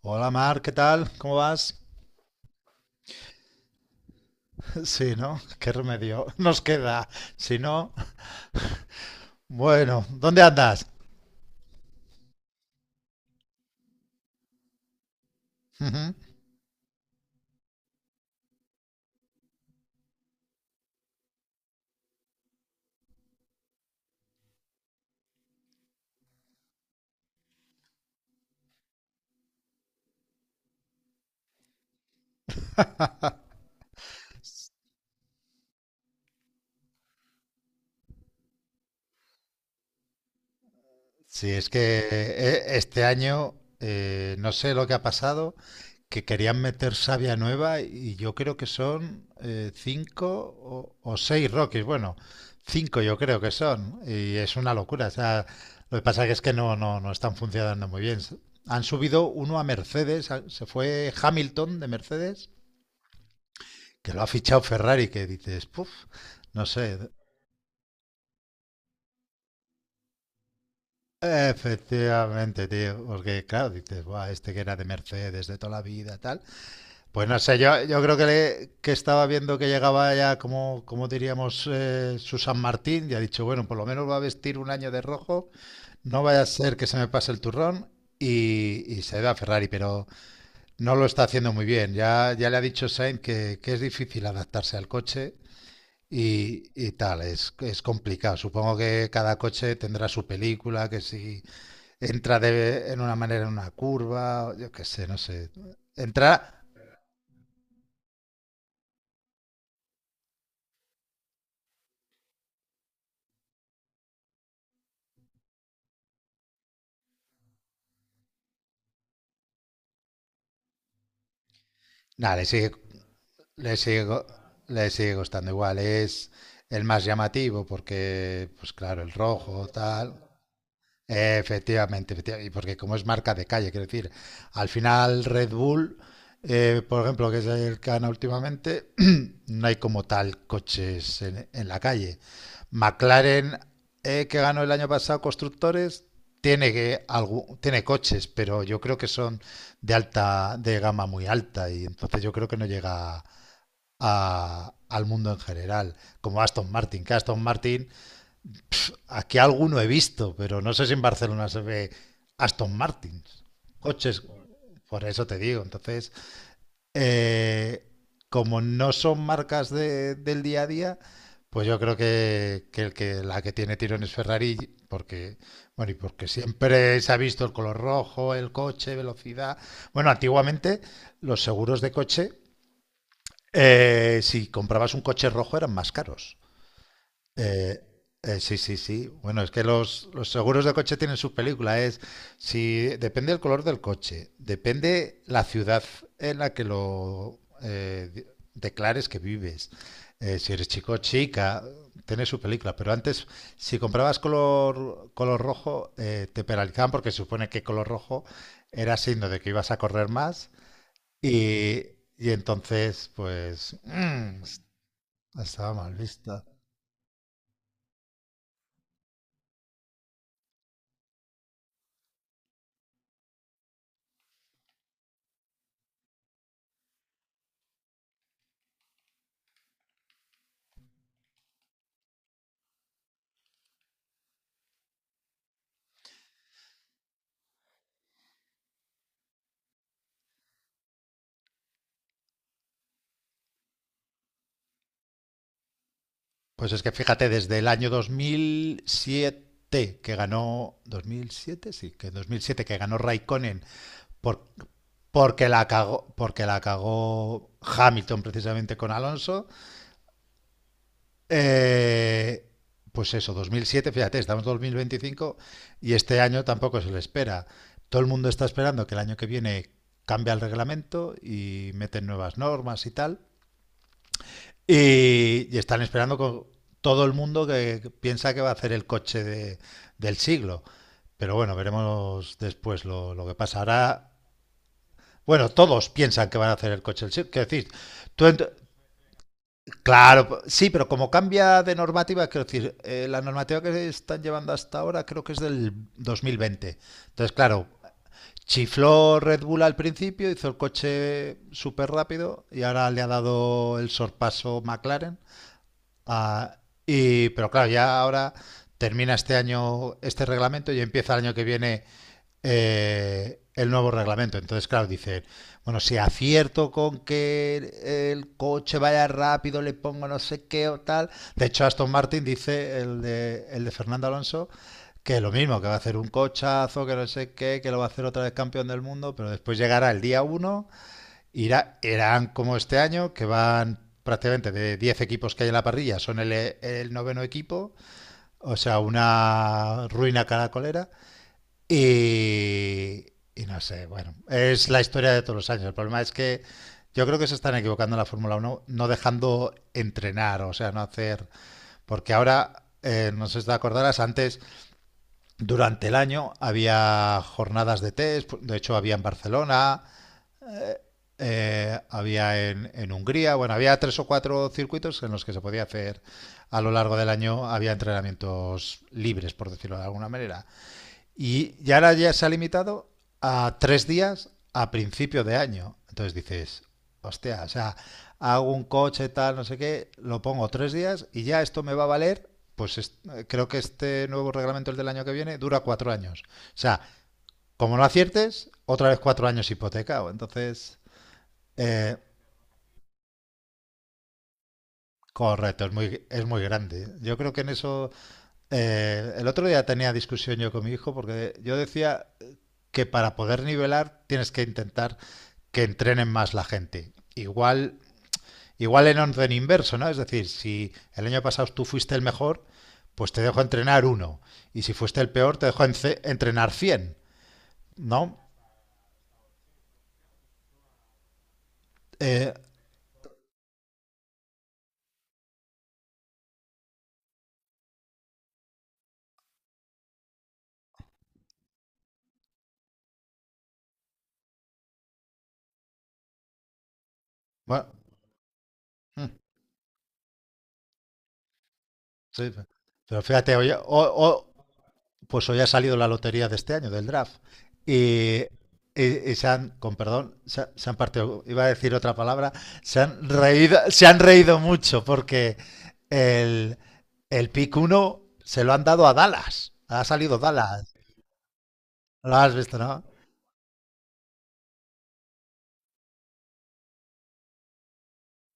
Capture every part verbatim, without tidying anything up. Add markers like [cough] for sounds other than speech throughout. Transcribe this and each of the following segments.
Hola Mar, ¿qué tal? ¿Cómo vas? [laughs] Sí, ¿no? ¿Qué remedio [laughs] nos queda? Si no, bueno, ¿dónde andas? Ujú. Sí, es que eh, este año eh, no sé lo que ha pasado, que querían meter savia nueva y yo creo que son eh, cinco o, o seis Rockies. Bueno, cinco yo creo que son y es una locura. O sea, lo que pasa que es que no, no, no están funcionando muy bien. Han subido uno a Mercedes, a- se fue Hamilton de Mercedes, que lo ha fichado Ferrari, que dices, puff, no sé. Efectivamente, tío, porque claro, dices, buah, este que era de Mercedes de toda la vida, tal. Pues no sé, yo, yo creo que, le- que estaba viendo que llegaba ya, como, como diríamos, eh, su San Martín, y ha dicho, bueno, por lo menos va a vestir un año de rojo, no vaya a ser que se me pase el turrón, y, y se da a Ferrari, pero no lo está haciendo muy bien. Ya, ya le ha dicho Sainz que, que es difícil adaptarse al coche y, y tal, es, es complicado. Supongo que cada coche tendrá su película, que si entra de, en una manera en una curva, o yo qué sé, no sé. Entra, nada, le sigue, le sigue, go- le sigue costando igual. Es el más llamativo porque, pues claro, el rojo, tal. Efectivamente, efectivamente, y porque como es marca de calle, quiero decir, al final Red Bull, eh, por ejemplo, que es el que gana últimamente, [clears throat] no hay como tal coches en, en la calle. McLaren, eh, que ganó el año pasado constructores, tiene que algu- tiene coches, pero yo creo que son de alta, de gama muy alta, y entonces yo creo que no llega a- al mundo en general, como Aston Martin, que Aston Martin aquí alguno he visto, pero no sé si en Barcelona se ve Aston Martins. Coches, por eso te digo. Entonces, eh, como no son marcas de- del día a día, pues yo creo que, que el que la que tiene tirón es Ferrari, porque, bueno, y porque siempre se ha visto el color rojo, el coche, velocidad. Bueno, antiguamente los seguros de coche, eh, si comprabas un coche rojo eran más caros. Eh, eh, sí, sí, sí. Bueno, es que los, los seguros de coche tienen sus películas. Es si depende el color del coche, depende la ciudad en la que lo eh, de- declares que vives. Eh, si eres chico o chica, tiene su película. Pero antes, si comprabas color color rojo, eh, te penalizaban porque se supone que color rojo era signo de que ibas a correr más y, y entonces, pues, mm, estaba mal visto. Pues es que fíjate, desde el año dos mil siete que ganó, dos mil siete, sí, que en dos mil siete que ganó Raikkonen por, porque la cagó, porque la cagó Hamilton precisamente con Alonso. eh, pues eso, dos mil siete, fíjate, estamos en dos mil veinticinco y este año tampoco se le espera. Todo el mundo está esperando que el año que viene cambie el reglamento y meten nuevas normas y tal. Y, y están esperando con todo el mundo que piensa que va a hacer el coche de- del siglo. Pero bueno, veremos después lo, lo que pasará. Bueno, todos piensan que van a hacer el coche del siglo. Quiero decir, tú ent- claro, sí, pero como cambia de normativa, quiero decir, eh, la normativa que están llevando hasta ahora creo que es del dos mil veinte. Entonces, claro, chifló Red Bull al principio, hizo el coche súper rápido y ahora le ha dado el sorpaso McLaren. Ah, y, pero claro, ya ahora termina este año este reglamento y empieza el año que viene eh, el nuevo reglamento. Entonces, claro, dicen, bueno, si acierto con que el, el coche vaya rápido, le pongo no sé qué o tal. De hecho, Aston Martin dice, el de, el de Fernando Alonso, que lo mismo, que va a hacer un cochazo, que no sé qué, que lo va a hacer otra vez campeón del mundo, pero después llegará el día uno. Irá, Irán como este año, que van prácticamente de diez equipos que hay en la parrilla, son el, el noveno equipo, o sea, una ruina caracolera. Y, y no sé, bueno, es la historia de todos los años. El problema es que yo creo que se están equivocando en la Fórmula Uno no dejando entrenar, o sea, no hacer. Porque ahora, eh, no sé si te acordarás, antes, durante el año, había jornadas de test, de hecho, había en Barcelona, eh, había en, en, Hungría, bueno, había tres o cuatro circuitos en los que se podía hacer a lo largo del año, había entrenamientos libres, por decirlo de alguna manera. Y ya ahora ya se ha limitado a tres días a principio de año. Entonces dices, hostia, o sea, hago un coche tal, no sé qué, lo pongo tres días y ya esto me va a valer. Pues es, creo que este nuevo reglamento, el del año que viene, dura cuatro años. O sea, como no aciertes, otra vez cuatro años hipotecado. Entonces, eh, correcto, es muy, es muy grande. Yo creo que en eso, eh, el otro día tenía discusión yo con mi hijo porque yo decía que para poder nivelar tienes que intentar que entrenen más la gente. Igual, igual en orden inverso, ¿no? Es decir, si el año pasado tú fuiste el mejor, pues te dejo entrenar uno. Y si fuiste el peor, te dejo ence- entrenar cien, ¿no? Eh, bueno, mm, sí, pero fíjate, oye, o- o- pues hoy ha salido la lotería de este año, del draft. Y, y- y se han, con perdón, se, han- se han partido, iba a decir otra palabra, se han reído, se han reído mucho porque el, el pick uno se lo han dado a Dallas. Ha salido Dallas. Lo has visto, ¿no?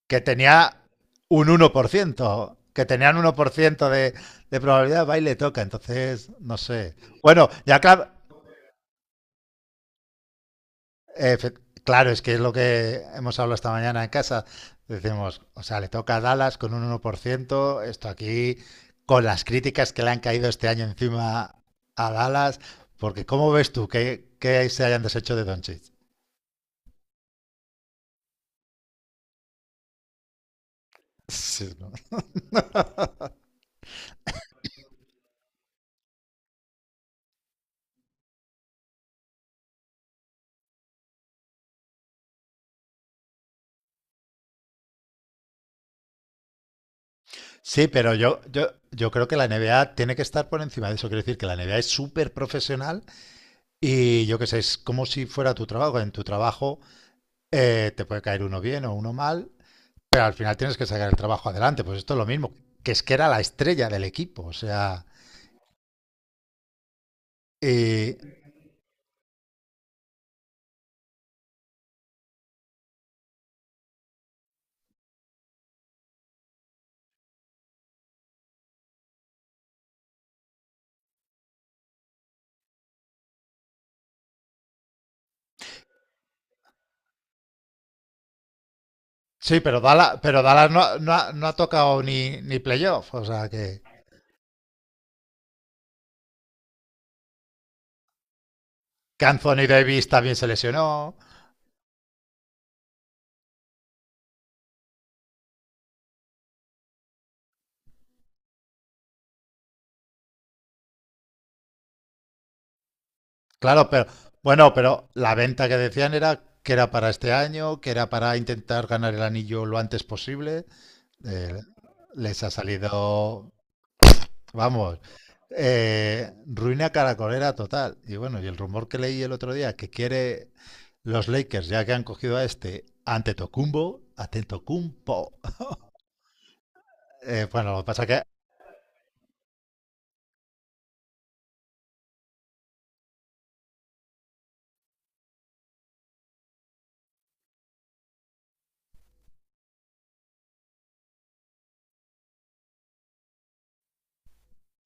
Que tenía un uno por ciento, que tenían uno por ciento de, de probabilidad, va y le toca. Entonces, no sé. Bueno, ya claro, Efe- claro, es que es lo que hemos hablado esta mañana en casa. Decimos, o sea, le toca a Dallas con un uno por ciento. Esto aquí, con las críticas que le han caído este año encima a Dallas, porque ¿cómo ves tú que, que se hayan deshecho de Doncic? Sí, ¿no? Sí, pero yo, yo, yo creo que la N B A tiene que estar por encima de eso. Quiero decir que la N B A es súper profesional y yo qué sé, es como si fuera tu trabajo. En tu trabajo eh, te puede caer uno bien o uno mal, pero al final tienes que sacar el trabajo adelante, pues esto es lo mismo, que es que era la estrella del equipo, o sea. Y... Sí, pero Dallas, pero Dallas no, no, ha, no, ha tocado ni, ni playoff, o sea que, que Anthony Davis también se lesionó, claro, pero bueno, pero la venta que decían era que era para este año, que era para intentar ganar el anillo lo antes posible. Eh, Les ha salido, vamos, eh, ruina caracolera total. Y bueno, y el rumor que leí el otro día, que quiere los Lakers, ya que han cogido a este Antetokounmpo, Antetokounmpo. Eh, bueno, lo que pasa que,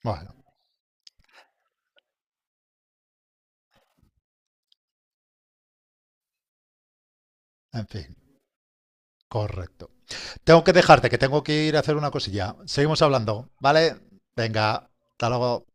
bueno, en fin, correcto. Tengo que dejarte, que tengo que ir a hacer una cosilla. Seguimos hablando, ¿vale? Venga, hasta luego.